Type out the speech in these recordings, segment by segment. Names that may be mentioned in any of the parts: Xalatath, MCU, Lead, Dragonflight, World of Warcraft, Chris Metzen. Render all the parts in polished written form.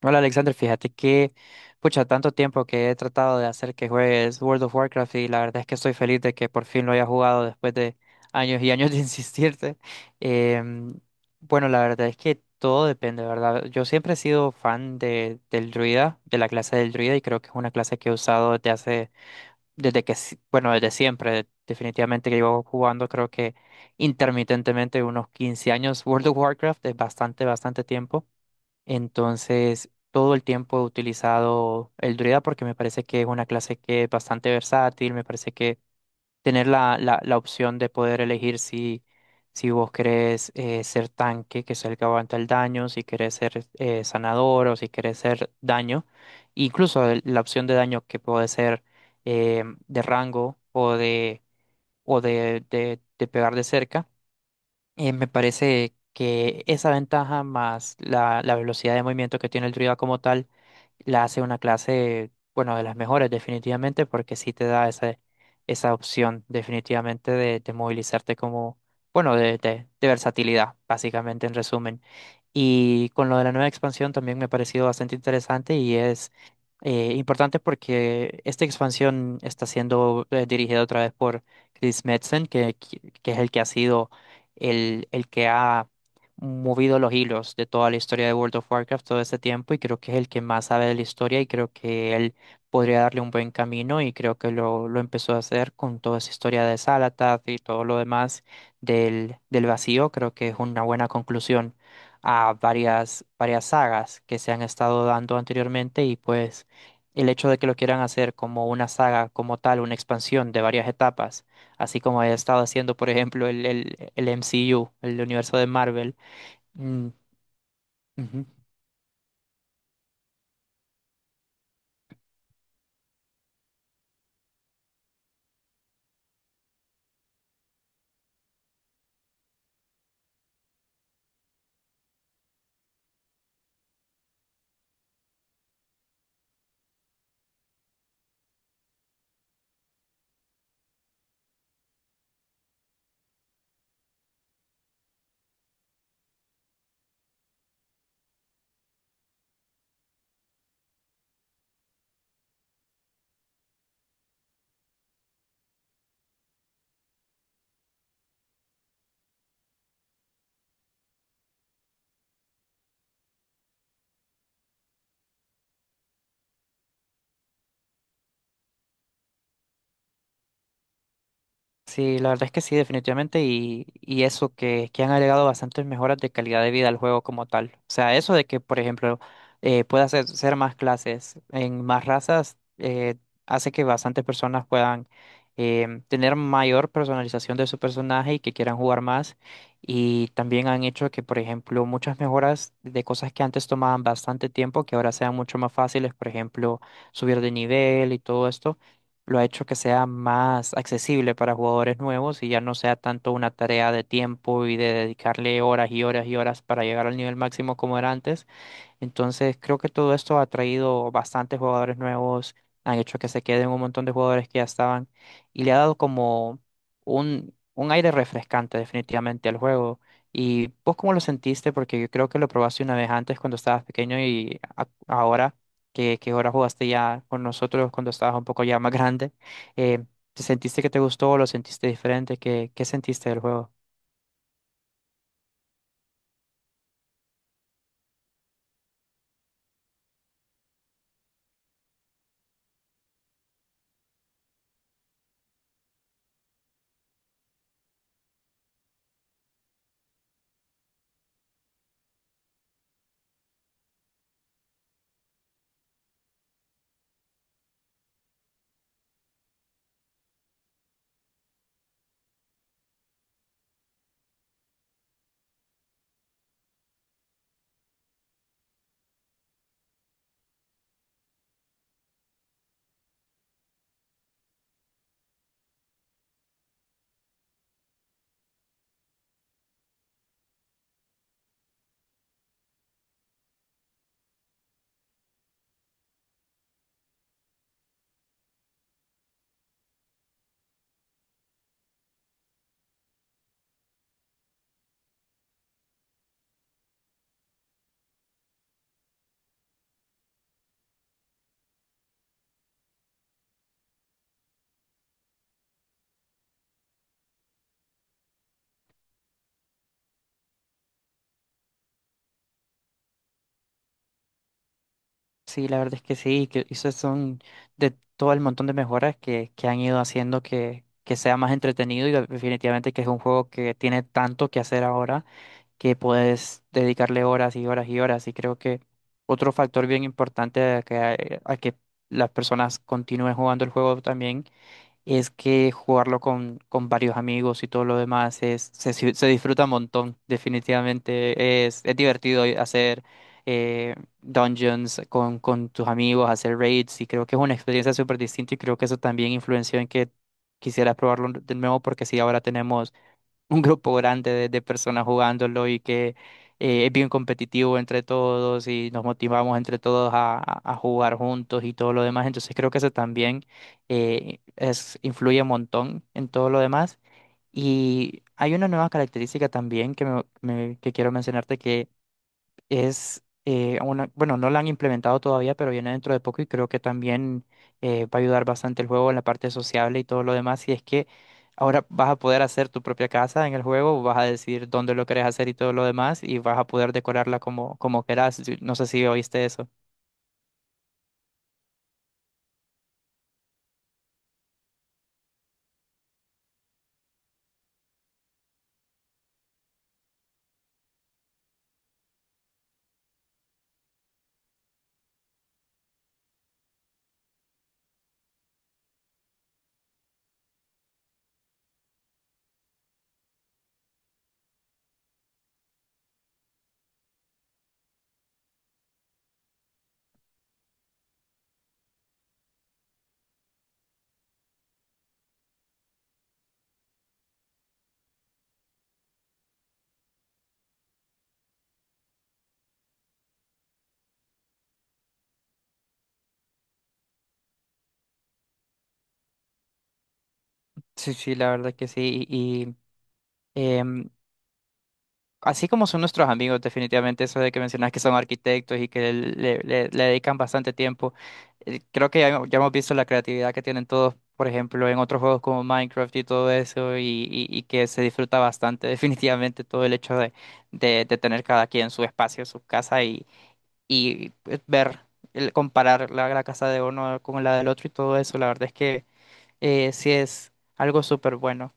Hola Alexander, fíjate que, pucha, tanto tiempo que he tratado de hacer que juegues World of Warcraft y la verdad es que estoy feliz de que por fin lo haya jugado después de años y años de insistirte. Em, bueno, la verdad es que todo depende, ¿verdad? Yo siempre he sido fan del druida, de la clase del druida y creo que es una clase que he usado desde hace, desde que, bueno, desde siempre. Definitivamente que llevo jugando creo que intermitentemente unos 15 años World of Warcraft. Es bastante, bastante tiempo. Entonces, todo el tiempo he utilizado el druida porque me parece que es una clase que es bastante versátil. Me parece que tener la opción de poder elegir si, si vos querés ser tanque, que es el que aguanta el daño, si querés ser sanador o si querés ser daño, incluso la opción de daño que puede ser eh, de rango o de pegar de cerca. Me parece que esa ventaja más la velocidad de movimiento que tiene el druida como tal la hace una clase, bueno, de las mejores, definitivamente, porque sí te da esa, esa opción, definitivamente, de movilizarte como, bueno, de versatilidad, básicamente, en resumen. Y con lo de la nueva expansión también me ha parecido bastante interesante y es importante porque esta expansión está siendo dirigida otra vez por Chris Metzen, que es el que ha sido el que ha movido los hilos de toda la historia de World of Warcraft todo este tiempo, y creo que es el que más sabe de la historia y creo que él podría darle un buen camino, y creo que lo empezó a hacer con toda esa historia de Xalatath y todo lo demás del vacío. Creo que es una buena conclusión a varias, varias sagas que se han estado dando anteriormente. Y pues el hecho de que lo quieran hacer como una saga como tal, una expansión de varias etapas, así como haya estado haciendo, por ejemplo, el MCU, el universo de Marvel. Mm, ujú. Sí, la verdad es que sí, definitivamente. Y eso que han agregado bastantes mejoras de calidad de vida al juego como tal. O sea, eso de que, por ejemplo, puedas hacer más clases en más razas. Hace que bastantes personas puedan tener mayor personalización de su personaje y que quieran jugar más. Y también han hecho que, por ejemplo, muchas mejoras de cosas que antes tomaban bastante tiempo, que ahora sean mucho más fáciles, por ejemplo, subir de nivel, y todo esto lo ha hecho que sea más accesible para jugadores nuevos y ya no sea tanto una tarea de tiempo y de dedicarle horas y horas y horas para llegar al nivel máximo como era antes. Entonces, creo que todo esto ha traído bastantes jugadores nuevos, han hecho que se queden un montón de jugadores que ya estaban y le ha dado como un aire refrescante, definitivamente, al juego. ¿Y vos cómo lo sentiste? Porque yo creo que lo probaste una vez antes cuando estabas pequeño y ahora que ahora jugaste ya con nosotros cuando estabas un poco ya más grande, eh, ¿te sentiste que te gustó? ¿Lo sentiste diferente? Qué sentiste del juego? Sí, la verdad es que sí, que esos son de todo el montón de mejoras que han ido haciendo que sea más entretenido, y definitivamente que es un juego que tiene tanto que hacer ahora que puedes dedicarle horas y horas y horas. Y creo que otro factor bien importante a que las personas continúen jugando el juego también es que jugarlo con varios amigos y todo lo demás es, se, se disfruta un montón, definitivamente. Es divertido hacer eh, dungeons con tus amigos, hacer raids, y creo que es una experiencia súper distinta y creo que eso también influenció en que quisieras probarlo de nuevo porque sí, ahora tenemos un grupo grande de personas jugándolo y que es bien competitivo entre todos y nos motivamos entre todos a jugar juntos y todo lo demás. Entonces, creo que eso también influye un montón en todo lo demás. Y hay una nueva característica también que, que quiero mencionarte. Es bueno, no la han implementado todavía, pero viene dentro de poco y creo que también va a ayudar bastante el juego en la parte sociable y todo lo demás. Y es que ahora vas a poder hacer tu propia casa en el juego, vas a decidir dónde lo querés hacer y todo lo demás, y vas a poder decorarla como, como querás. Sí, ¿No sé si oíste eso? Sí, sí, la verdad que sí. Sí, y, em, así como son nuestros amigos. Definitivamente, eso de que mencionas que son arquitectos y que le dedican bastante tiempo. Creo que ya hemos visto la creatividad que tienen todos, por ejemplo, en otros juegos como Minecraft y todo eso, y que se disfruta bastante, definitivamente, todo el hecho de tener cada quien su espacio, su casa y comparar la casa de uno con la del otro y todo eso. La verdad es que sí es algo súper bueno.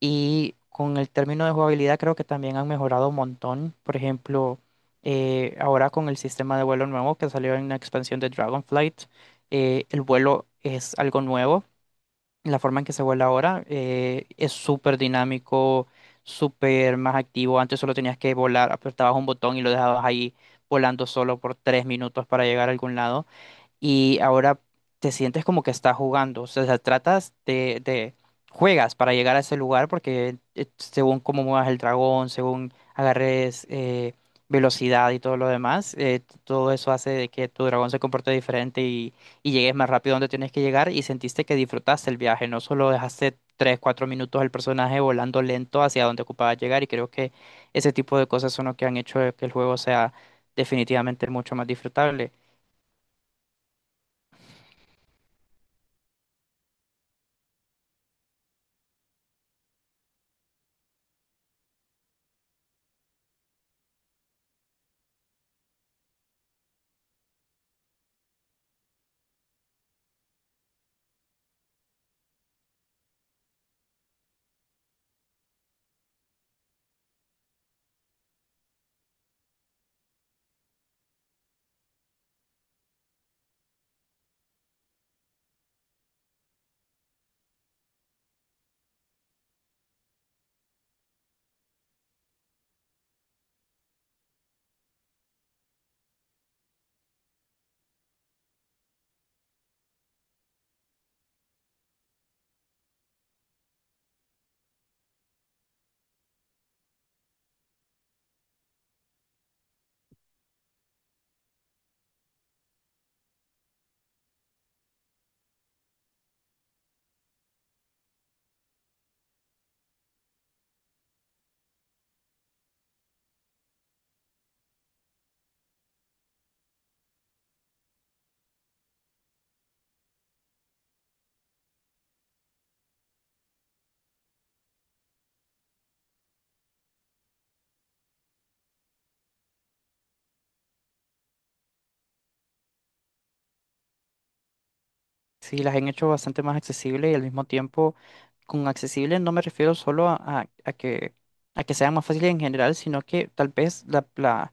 Y con el término de jugabilidad creo que también han mejorado un montón. Por ejemplo, ahora con el sistema de vuelo nuevo que salió en la expansión de Dragonflight, el vuelo es algo nuevo. La forma en que se vuela ahora es súper dinámico, súper más activo. Antes solo tenías que volar, apretabas un botón y lo dejabas ahí volando solo por 3 minutos para llegar a algún lado, y ahora te sientes como que estás jugando. O sea, juegas para llegar a ese lugar porque según cómo muevas el dragón, según agarres velocidad y todo lo demás, todo eso hace de que tu dragón se comporte diferente, y llegues más rápido donde tienes que llegar y sentiste que disfrutaste el viaje, no solo dejaste 3, 4 minutos al personaje volando lento hacia donde ocupaba llegar. Y creo que ese tipo de cosas son lo que han hecho que el juego sea, definitivamente, mucho más disfrutable. Sí, las han hecho bastante más accesibles y al mismo tiempo, con accesibles no me refiero solo a que sea más fácil en general, sino que tal vez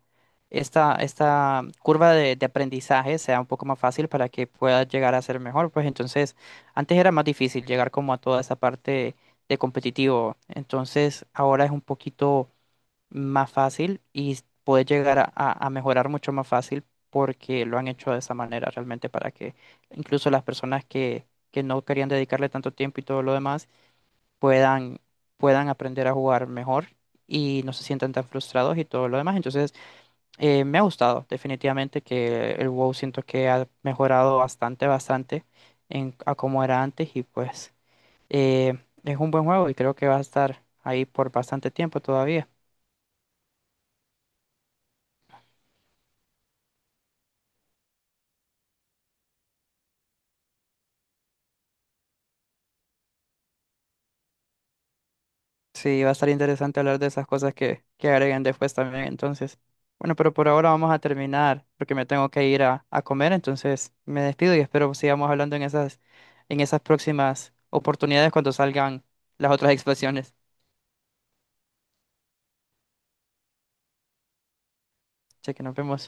esta, esta curva de aprendizaje sea un poco más fácil para que pueda llegar a ser mejor. Pues entonces, antes era más difícil llegar como a toda esa parte de competitivo, entonces ahora es un poquito más fácil y puede llegar a mejorar mucho más fácil porque lo han hecho de esa manera realmente para que incluso las personas que no querían dedicarle tanto tiempo y todo lo demás puedan, puedan aprender a jugar mejor y no se sientan tan frustrados y todo lo demás. Entonces, me ha gustado, definitivamente, que el WoW siento que ha mejorado bastante, bastante, en, a como era antes. Y pues eh, es un buen juego y creo que va a estar ahí por bastante tiempo todavía. Sí, va a estar interesante hablar de esas cosas que agreguen después también. Entonces, bueno, pero por ahora vamos a terminar porque me tengo que ir a comer. Entonces, me despido y espero sigamos hablando en esas próximas oportunidades cuando salgan las otras expresiones. Che, que nos vemos.